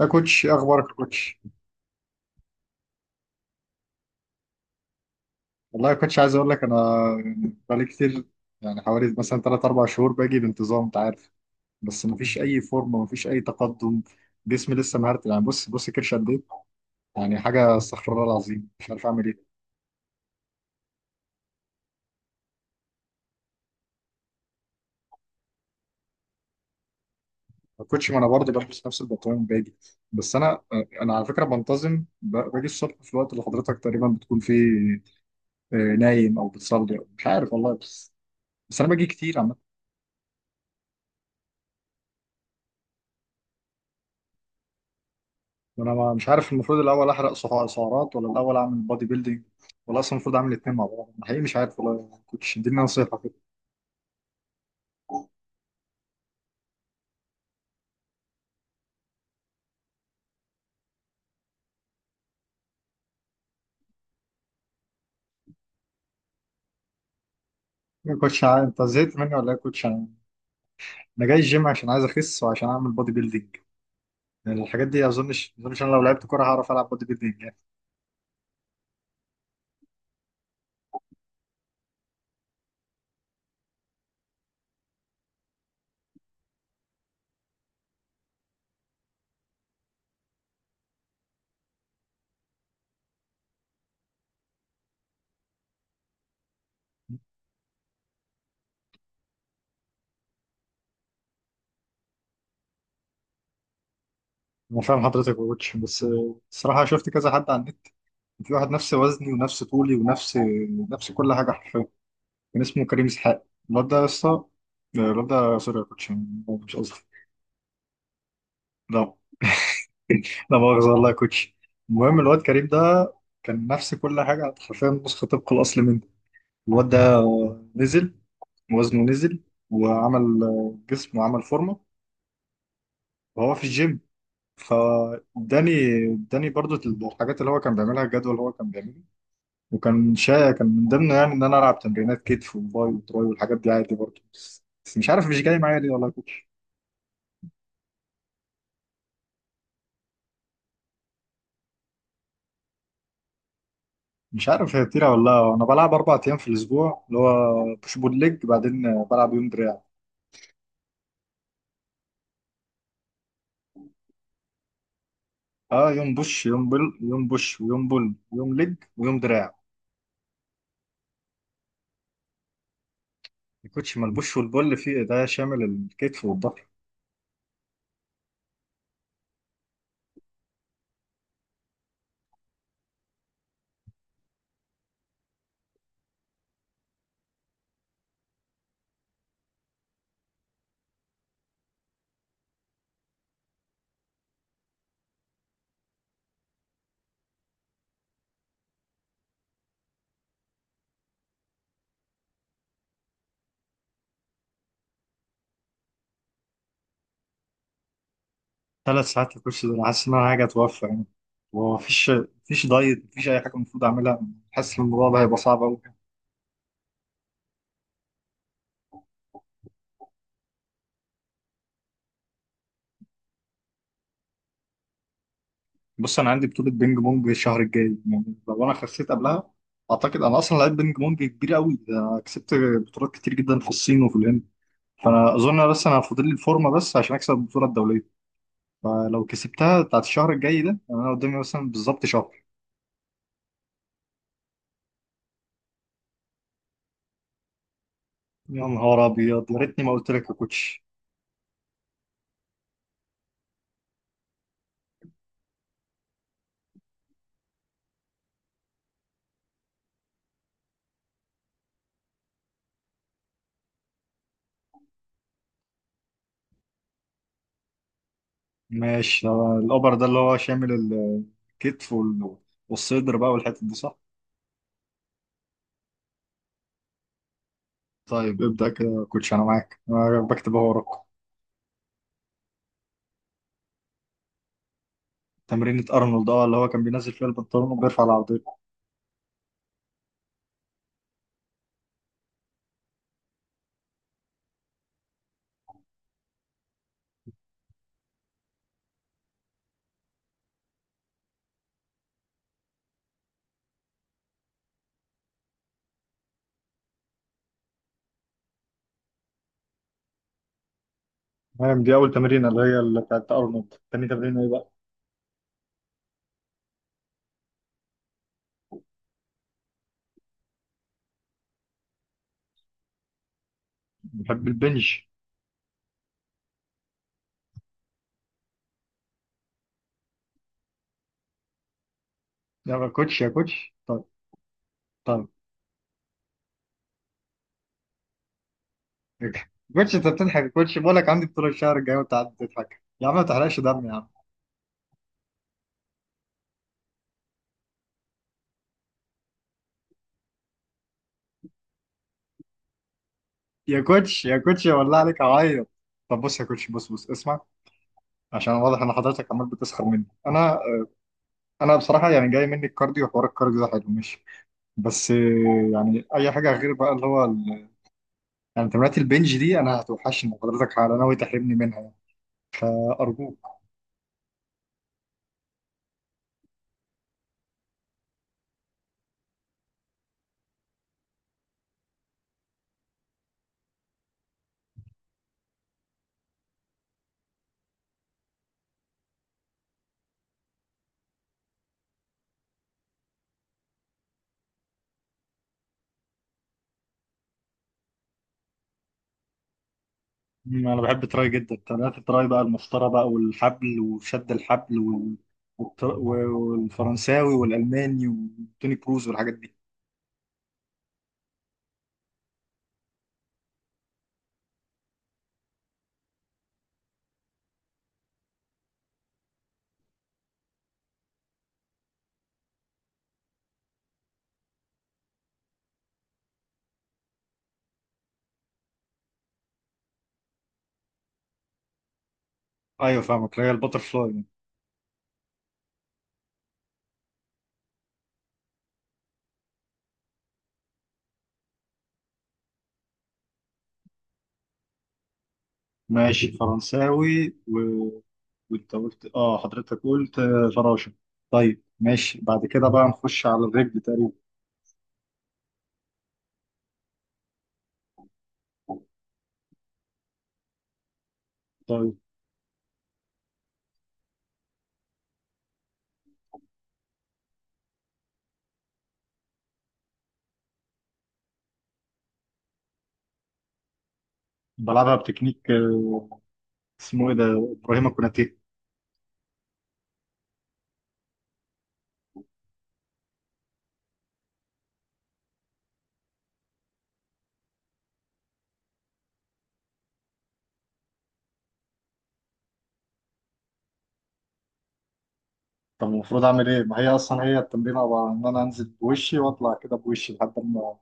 يا كوتش، إيه اخبارك يا كوتش؟ والله يا كوتش، عايز اقول لك، انا بقالي كتير، يعني حوالي مثلا 3 4 شهور باجي بانتظام انت عارف. بس مفيش اي فورمه، مفيش اي تقدم. جسمي لسه مهرت، يعني بص بص كرش قد ايه. يعني حاجه، استغفر الله العظيم، مش عارف اعمل ايه. يا كوتش، ما انا برضه بلبس نفس البنطلون باجي. بس انا على فكره بنتظم باجي الصبح في الوقت اللي حضرتك تقريبا بتكون فيه، نايم او بتصلي أو مش عارف والله. بس بس انا باجي كتير. انا مش عارف المفروض الاول احرق سعرات ولا الاول اعمل بودي بيلدينج، ولا اصلا المفروض اعمل الاثنين مع بعض. أنا حقيقي مش عارف، والله كوتش اديني نصيحه كده. يا كوتش انت زهقت مني ولا ايه يا كوتش؟ انا، أنا جاي الجيم عشان عايز اخس وعشان اعمل بودي بيلدينج. يعني الحاجات دي، اظنش انا لو لعبت كوره هعرف العب بودي بيلدينج يعني. انا فاهم حضرتك يا كوتش، بس الصراحه شفت كذا حد على النت، في واحد نفس وزني ونفس طولي ونفس، نفس كل حاجه حرفيا. كان اسمه كريم اسحاق. الواد ده يا اسطى، الواد ده سوري يا كوتش، مش قصدي. لا، لا مؤاخذة والله يا كوتش. المهم الواد كريم ده كان نفس كل حاجة حرفيا، نسخة طبق الأصل منه. الواد ده نزل، وزنه نزل، وعمل جسم وعمل فورمة وهو في الجيم. فاداني اداني برضو الحاجات اللي هو كان بيعملها، الجدول اللي هو كان بيعمله. وكان كان من ضمنه يعني ان انا العب تمرينات كتف وباي وتراي والحاجات دي عادي برضو. بس بس مش عارف مش جاي معايا ليه، والله يا كوتش. مش عارف هي كتيرة ولا لا. انا بلعب اربع ايام في الاسبوع، اللي هو بوش بول ليج، بعدين بلعب يوم دراع. اه، يوم بوش يوم بل يوم بوش ويوم بول ويوم لج ويوم دراع. الكوتش، ما البوش والبول فيه ده شامل الكتف والظهر. ثلاث ساعات الكوتش ده؟ أنا حاسس ان انا حاجه اتوفى يعني. ومفيش، مفيش دايت، مفيش اي حاجه المفروض اعملها. حاسس ان الموضوع ده هيبقى صعب قوي. بص انا عندي بطوله بينج بونج الشهر الجاي، يعني لو انا خسيت قبلها. اعتقد انا اصلا لعيب بينج بونج كبير قوي، ده أنا كسبت بطولات كتير جدا في الصين وفي الهند. فانا اظن بس انا فاضل لي الفورمه بس عشان اكسب البطوله الدوليه. فلو كسبتها بتاعت الشهر الجاي ده يعني انا قدامي مثلا بالظبط شهر. يا نهار ابيض، يا ريتني ما قلت لك يا كوتش. ماشي، ده الاوبر ده اللي هو شامل الكتف والصدر بقى والحتت دي صح؟ طيب ابدا كده يا كوتش، انا معاك، انا بكتب اهو وراك. تمرينة ارنولد، اه اللي هو كان بينزل فيها البنطلون وبيرفع العرضية. تمام، دي اول تمرينة اللي هي اللي بتاعت ارنولد. تاني تمرينة ايه بقى؟ بحب البنج. يا كوتش يا كوتش، طيب. طيب. كوتش انت بتضحك يا كوتش؟ بقول لك عندي بطولة الشهر الجاي وانت قاعد بتضحك يا عم. ما تحرقش دم يا عم. يا كوتش يا كوتش، يا والله عليك اعيط. طب بص يا كوتش، بص بص اسمع. عشان واضح ان حضرتك عمال بتسخر مني انا. انا بصراحه يعني جاي مني الكارديو، وحوار الكارديو ده حلو ماشي. بس يعني اي حاجه غير بقى اللي هو يعني تمرينات البنج دي انا هتوحشني. حضرتك على ناوي تحرمني منها يعني؟ ارجوك. انا بحب التراي جدا. تمرينات التراي بقى، المسطره بقى والحبل وشد الحبل والفرنساوي والالماني وتوني كروز والحاجات دي. ايوه فاهمك، اللي هي البتر فلاي. ماشي فرنساوي وانت قلت اه. حضرتك قلت فراشة. طيب ماشي، بعد كده بقى نخش على الرجل تقريبا. طيب بلعبها بتكنيك. اسمه ايه ده؟ ابراهيم كوناتيه. طب المفروض اعمل ايه؟ ما هي اصلا هي التمرين عباره عن ان انا انزل بوشي واطلع كده بوشي لحد ما.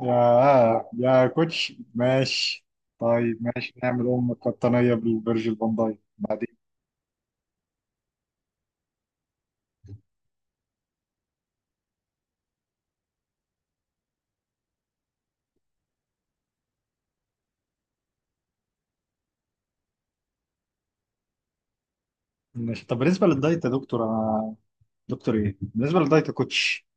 يا كوتش ماشي. طيب ماشي نعمل ام قطنيه بالفيرجيل فان دايك بعدين. ماشي، طب بالنسبه للدايت يا دكتور، انا دكتور ايه؟ بالنسبه للدايت يا كوتش،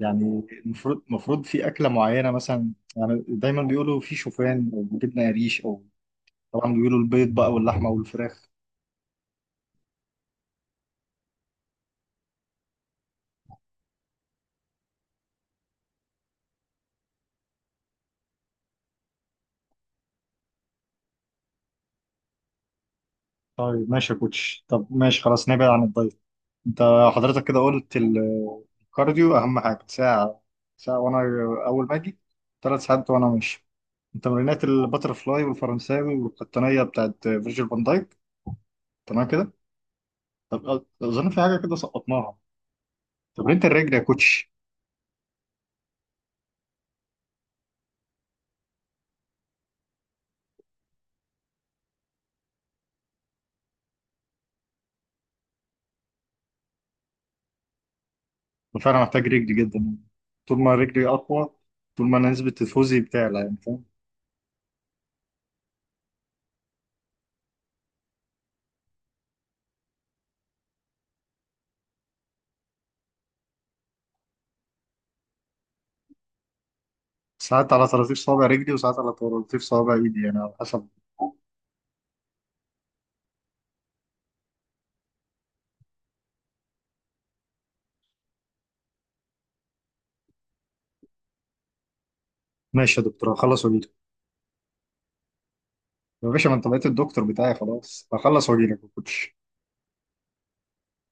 يعني المفروض في أكلة معينة مثلا؟ يعني دايما بيقولوا في شوفان أو جبنة قريش أو طبعا بيقولوا البيض بقى واللحمة والفراخ. طيب ماشي يا كوتش، طب ماشي خلاص نبعد عن الدايت. أنت حضرتك كده قلت الكارديو أهم حاجة. ساعة، ساعة وأنا أول ما أجي. ثلاث ساعات وأنا ماشي. تمرينات الباترفلاي والفرنساوي والقطنية بتاعت فيرجيل فان دايك. تمام كده؟ طب أظن في حاجة كده سقطناها. تمرينة الرجل يا كوتش. فانا محتاج رجلي جدا. طول ما رجلي اقوى، طول ما أنا نسبه تفوزي بتعلى يعني، فاهم؟ ساعات على طراطيف صوابع رجلي وساعات على طراطيف صوابع ايدي، يعني على حسب. ماشي يا دكتور، هخلص واجيلك. يا باشا، ما انت بقيت الدكتور بتاعي خلاص، هخلص واجيلك ما كنتش